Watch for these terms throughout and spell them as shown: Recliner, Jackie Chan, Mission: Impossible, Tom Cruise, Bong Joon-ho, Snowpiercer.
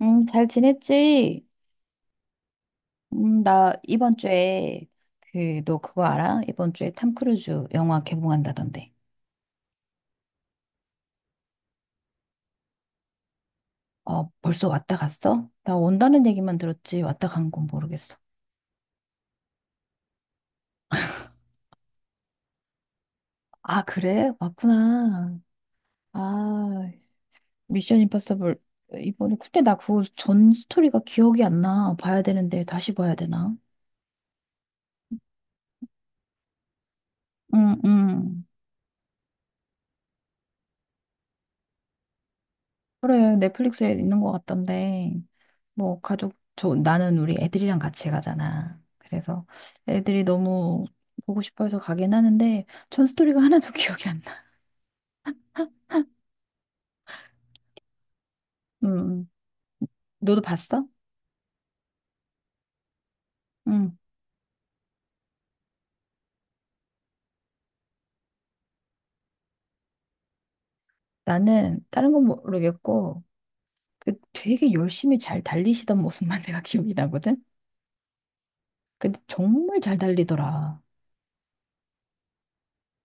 잘 지냈지? 나 이번 주에. 너 그거 알아? 이번 주에 탐 크루즈 영화 개봉한다던데. 어, 벌써 왔다 갔어? 나 온다는 얘기만 들었지 왔다 간 건 모르겠어. 아, 그래? 왔구나. 아, 미션 임파서블 이번에. 근데 나 그거 전 스토리가 기억이 안 나. 봐야 되는데 다시 봐야 되나? 응, 응. 그래, 넷플릭스에 있는 것 같던데, 뭐, 나는 우리 애들이랑 같이 가잖아. 그래서 애들이 너무 보고 싶어 해서 가긴 하는데, 전 스토리가 하나도 기억이 안 나. 음, 음. 너도 봤어? 응. 나는 다른 건 모르겠고, 그 되게 열심히 잘 달리시던 모습만 내가 기억이 나거든? 근데 정말 잘 달리더라.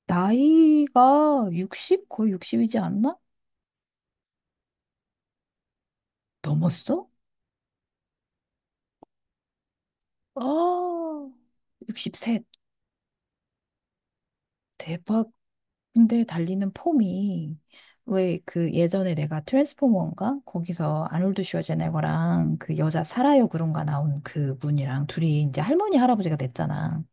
나이가 60? 거의 60이지 않나? 넘었어? 아, 63. 대박. 근데 달리는 폼이 왜 그 예전에 내가 트랜스포머인가? 거기서 아놀드 슈워제네거랑 그 여자 사라요 그런가 나온 그 분이랑 둘이 이제 할머니 할아버지가 됐잖아.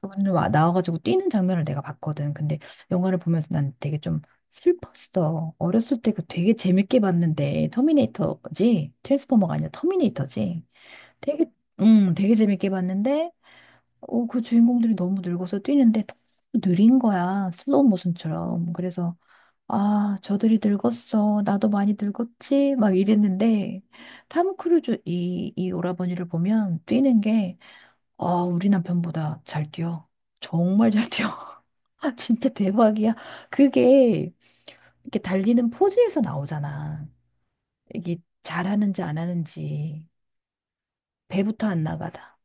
그분들 와 나와가지고 뛰는 장면을 내가 봤거든. 근데 영화를 보면서 난 되게 좀 슬펐어. 어렸을 때 그 되게 재밌게 봤는데 터미네이터지? 트랜스포머가 아니라 터미네이터지? 되게 되게 재밌게 봤는데. 그 주인공들이 너무 늙어서 뛰는데 너무 느린 거야. 슬로우 모션처럼. 그래서, 아, 저들이 늙었어. 나도 많이 늙었지. 막 이랬는데, 탐 크루즈 이 오라버니를 보면 뛰는 게, 아, 우리 남편보다 잘 뛰어. 정말 잘 뛰어. 아, 진짜 대박이야. 그게 이렇게 달리는 포즈에서 나오잖아. 이게 잘하는지 안 하는지. 배부터 안 나가다.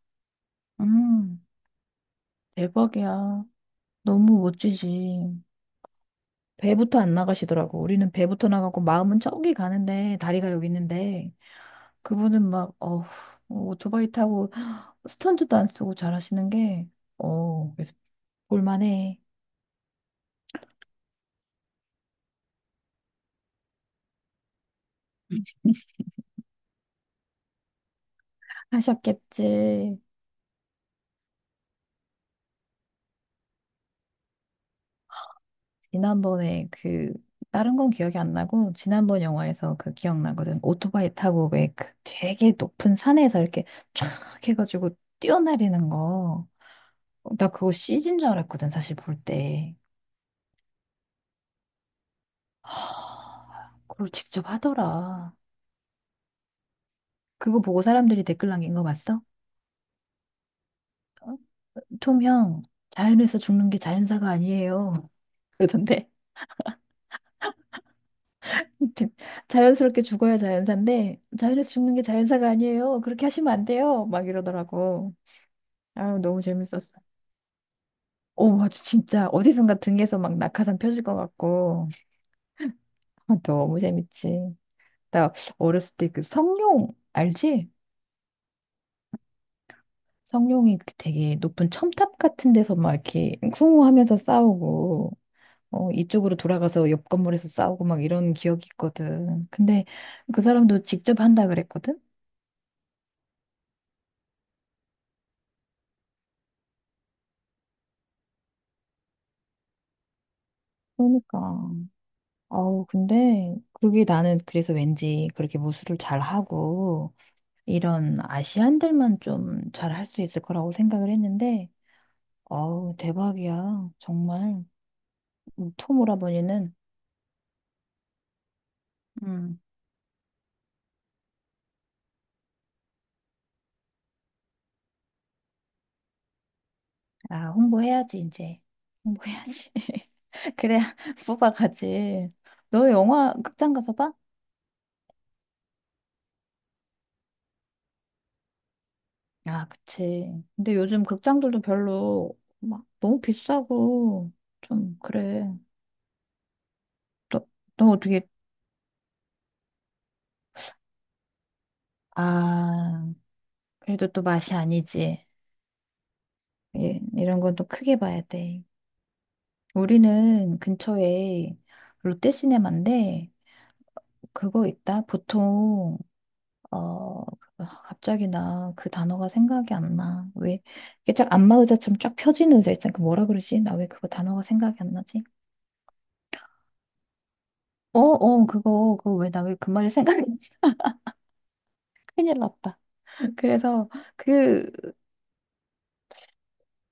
음, 대박이야. 너무 멋지지. 배부터 안 나가시더라고. 우리는 배부터 나가고 마음은 저기 가는데 다리가 여기 있는데 그분은 막 오토바이 타고 스턴트도 안 쓰고 잘하시는 게. 그래서 볼만해 하셨겠지. 지난번에 그 다른 건 기억이 안 나고 지난번 영화에서 그 기억나거든. 오토바이 타고 왜 그 되게 높은 산에서 이렇게 쫙 해가지고 뛰어내리는 거. 어, 나 그거 CG인 줄 알았거든 사실 볼 때. 하, 그걸 직접 하더라. 그거 보고 사람들이 댓글 남긴 거 봤어? 어? 톰 형, 자연에서 죽는 게 자연사가 아니에요. 그러던데. 지- 자연스럽게 죽어야 자연사인데, 자연에서 죽는 게 자연사가 아니에요. 그렇게 하시면 안 돼요. 막 이러더라고. 아, 너무 재밌었어. 오, 아주 진짜 어디선가 등에서 막 낙하산 펴질 것 같고. 아, 너무 재밌지. 나 어렸을 때 그 성룡 알지? 성룡이 그 되게 높은 첨탑 같은 데서 막 이렇게 쿵후하면서 싸우고 이쪽으로 돌아가서 옆 건물에서 싸우고 막 이런 기억이 있거든. 근데 그 사람도 직접 한다 그랬거든. 그러니까 아우, 근데 그게 나는 그래서 왠지 그렇게 무술을 잘 하고 이런 아시안들만 좀 잘 할 수 있을 거라고 생각을 했는데, 아우 대박이야 정말. 톰 오라버니는. 음, 아, 홍보해야지, 이제. 홍보해야지. 그래야 뽑아가지. 너 영화 극장 가서 봐? 아, 그치. 근데 요즘 극장들도 별로 막 너무 비싸고 좀 그래. 너, 너 어떻게, 아, 그래도 또 맛이 아니지. 예, 이런 건 또 크게 봐야 돼. 우리는 근처에 롯데시네마인데 그거 있다. 보통 어, 갑자기 나 그 단어가 생각이 안 나. 왜, 이게 쫙 안마 의자처럼 쫙 펴지는 의자 있잖아. 그 뭐라 그러지? 나 왜 그거 단어가 생각이 안 나지? 그거 왜, 나 왜 그 말이 생각이, 큰일 났다. 그래서 그,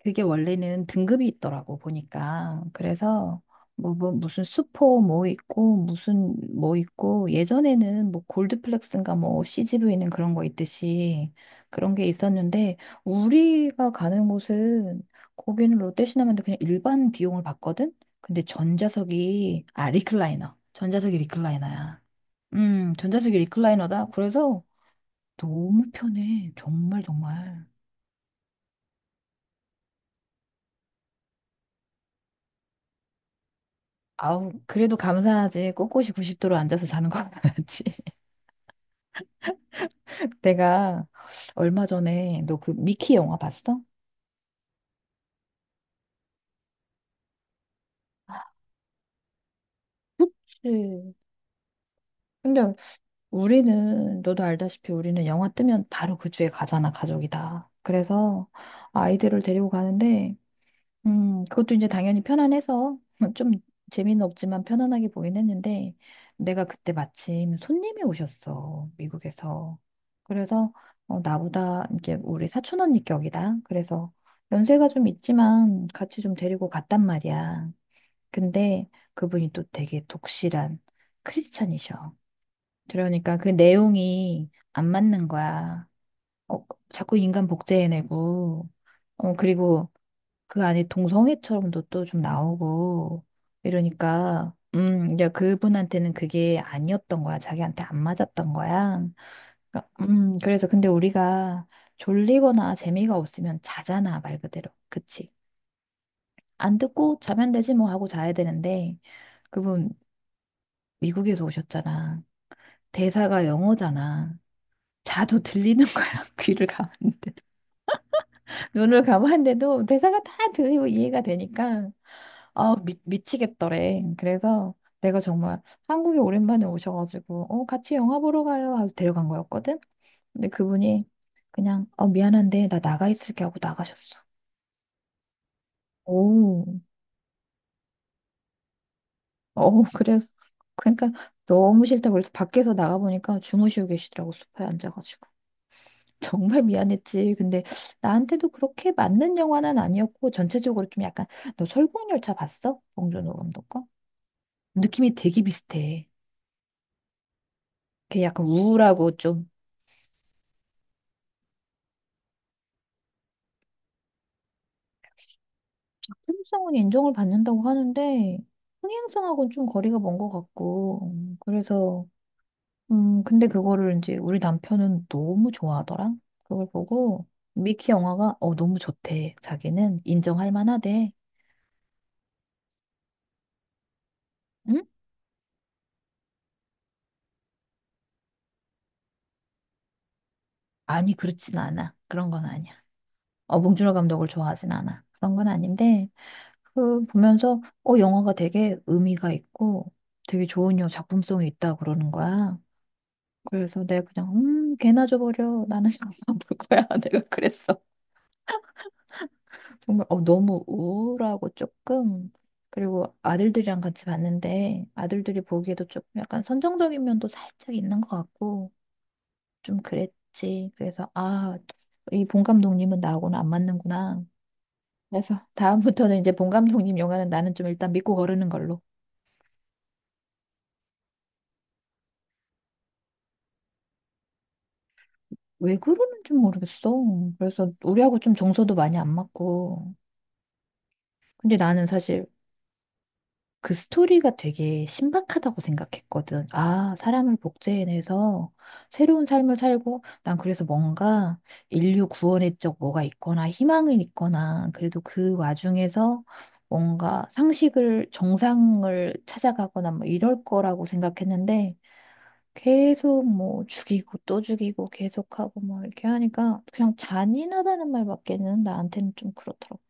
그게 원래는 등급이 있더라고 보니까. 그래서 뭐, 무슨 수포 뭐 있고 무슨 뭐 있고, 예전에는 뭐 골드플렉스인가 뭐 CGV는 그런 거 있듯이 그런 게 있었는데 우리가 가는 곳은, 거기는 롯데시네마인데 그냥 일반 비용을 받거든. 근데 전자석이, 아 리클라이너, 전자석이 리클라이너야. 전자석이 리클라이너다. 그래서 너무 편해 정말 정말. 아우, 그래도 감사하지. 꼿꼿이 90도로 앉아서 자는 거 낫지. 내가 얼마 전에, 너 그 미키 영화 봤어? 그치. 근데 우리는 너도 알다시피 우리는 영화 뜨면 바로 그 주에 가잖아, 가족이다. 그래서 아이들을 데리고 가는데 그것도 이제 당연히 편안해서 좀 재미는 없지만 편안하게 보긴 했는데, 내가 그때 마침 손님이 오셨어, 미국에서. 그래서 나보다 이게 우리 사촌 언니 격이다. 그래서 연세가 좀 있지만 같이 좀 데리고 갔단 말이야. 근데 그분이 또 되게 독실한 크리스찬이셔. 그러니까 그 내용이 안 맞는 거야. 자꾸 인간 복제해내고, 그리고 그 안에 동성애처럼도 또 좀 나오고 이러니까, 이제 그분한테는 그게 아니었던 거야. 자기한테 안 맞았던 거야. 그러니까, 그래서 근데 우리가 졸리거나 재미가 없으면 자잖아, 말 그대로. 그치. 안 듣고 자면 되지, 뭐 하고 자야 되는데, 그분 미국에서 오셨잖아. 대사가 영어잖아. 자도 들리는 거야, 귀를 감아. 눈을 감았는데도 대사가 다 들리고 이해가 되니까, 아, 미치겠더래. 그래서 내가 정말 한국에 오랜만에 오셔가지고, 같이 영화 보러 가요 하고 데려간 거였거든. 근데 그분이 그냥, 미안한데, 나 나가 있을게 하고 나가셨어. 오, 그래서, 그러니까 너무 싫다고. 그래서 밖에서 나가보니까 주무시고 계시더라고, 소파에 앉아가지고. 정말 미안했지. 근데 나한테도 그렇게 맞는 영화는 아니었고, 전체적으로 좀 약간, 너 설국열차 봤어? 봉준호 감독 거? 느낌이 되게 비슷해. 걔 약간 우울하고 좀 통성은 인정을 받는다고 하는데 흥행성하고는 좀 거리가 먼 것 같고. 그래서 근데 그거를 이제 우리 남편은 너무 좋아하더라. 그걸 보고 미키 영화가 너무 좋대. 자기는 인정할 만하대. 응? 아니 그렇진 않아. 그런 건 아니야. 봉준호 감독을 좋아하진 않아. 그런 건 아닌데, 그 보면서 영화가 되게 의미가 있고 되게 좋은, 여 작품성이 있다 그러는 거야. 그래서 내가 그냥, 걔나 줘버려. 나는 영볼 거야. 내가 그랬어. 정말 너무 우울하고 조금, 그리고 아들들이랑 같이 봤는데 아들들이 보기에도 조금 약간 선정적인 면도 살짝 있는 것 같고 좀 그랬지. 그래서 아, 이 본 감독님은 나하고는 안 맞는구나. 그래서 다음부터는 이제 본 감독님 영화는 나는 좀 일단 믿고 거르는 걸로. 왜 그러는지 모르겠어. 그래서 우리하고 좀 정서도 많이 안 맞고. 근데 나는 사실 그 스토리가 되게 신박하다고 생각했거든. 아, 사람을 복제해내서 새로운 삶을 살고, 난 그래서 뭔가 인류 구원의 적 뭐가 있거나 희망을 있거나, 그래도 그 와중에서 뭔가 상식을, 정상을 찾아가거나 뭐 이럴 거라고 생각했는데, 계속 뭐 죽이고 또 죽이고 계속하고 뭐 이렇게 하니까 그냥 잔인하다는 말밖에는, 나한테는 좀 그렇더라고.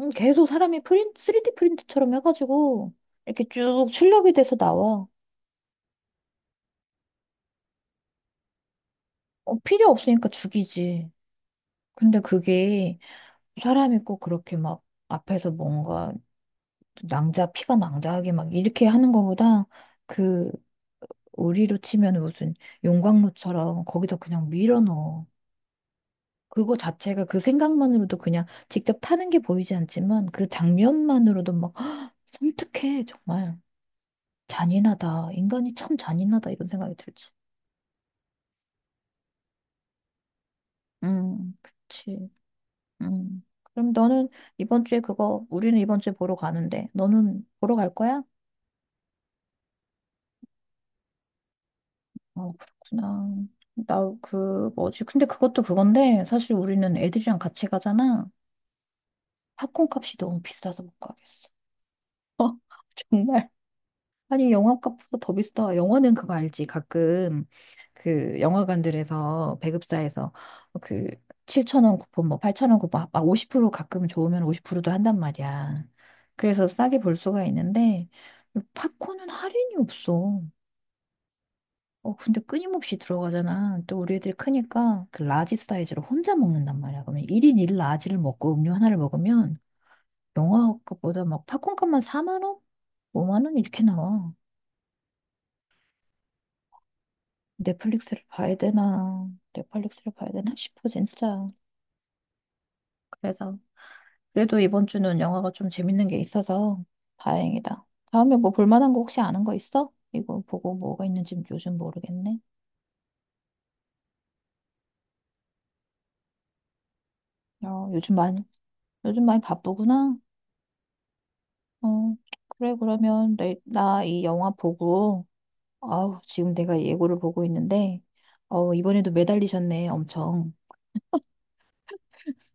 계속 사람이 3D 프린트처럼 해가지고 이렇게 쭉 출력이 돼서 나와. 어, 필요 없으니까 죽이지. 근데 그게 사람이 꼭 그렇게 막 앞에서 뭔가 피가 낭자하게 막 이렇게 하는 거보다 그 우리로 치면 무슨 용광로처럼 거기다 그냥 밀어넣어. 그거 자체가 그 생각만으로도, 그냥 직접 타는 게 보이지 않지만 그 장면만으로도 막 섬뜩해, 정말. 잔인하다. 인간이 참 잔인하다. 이런 생각이 들지. 그치. 음. 그럼 너는 이번 주에 그거, 우리는 이번 주에 보러 가는데, 너는 보러 갈 거야? 어, 그렇구나. 나 그, 뭐지? 근데 그것도 그건데, 사실 우리는 애들이랑 같이 가잖아. 팝콘 값이 너무 비싸서 못 가겠어. 어, 정말. 아니, 영화값보다 더 비싸. 영화는 그거 알지? 가끔 그 영화관들에서 배급사에서 그 7,000원 쿠폰, 뭐 8,000원 쿠폰, 막 50% 가끔 좋으면 50%도 한단 말이야. 그래서 싸게 볼 수가 있는데 팝콘은 할인이 없어. 근데 끊임없이 들어가잖아. 또 우리 애들이 크니까 그 라지 사이즈로 혼자 먹는단 말이야. 그러면 1인 1 라지를 먹고 음료 하나를 먹으면 영화값보다 막 팝콘값만 4만 원? 5만 원 이렇게 나와. 넷플릭스를 봐야 되나, 넷플릭스를 봐야 되나 싶어, 진짜. 그래서, 그래도 이번 주는 영화가 좀 재밌는 게 있어서 다행이다. 다음에 뭐 볼만한 거 혹시 아는 거 있어? 이거 보고 뭐가 있는지 요즘 모르겠네. 요즘 많이, 요즘 많이 바쁘구나. 어, 그래, 그러면 나 이 영화 보고, 아우, 지금 내가 예고를 보고 있는데, 이번에도 매달리셨네, 엄청.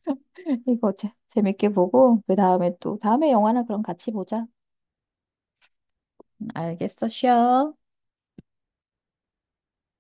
이거 재밌게 보고, 그 다음에 또, 다음에 영화나 그럼 같이 보자. 알겠어, 쉬어.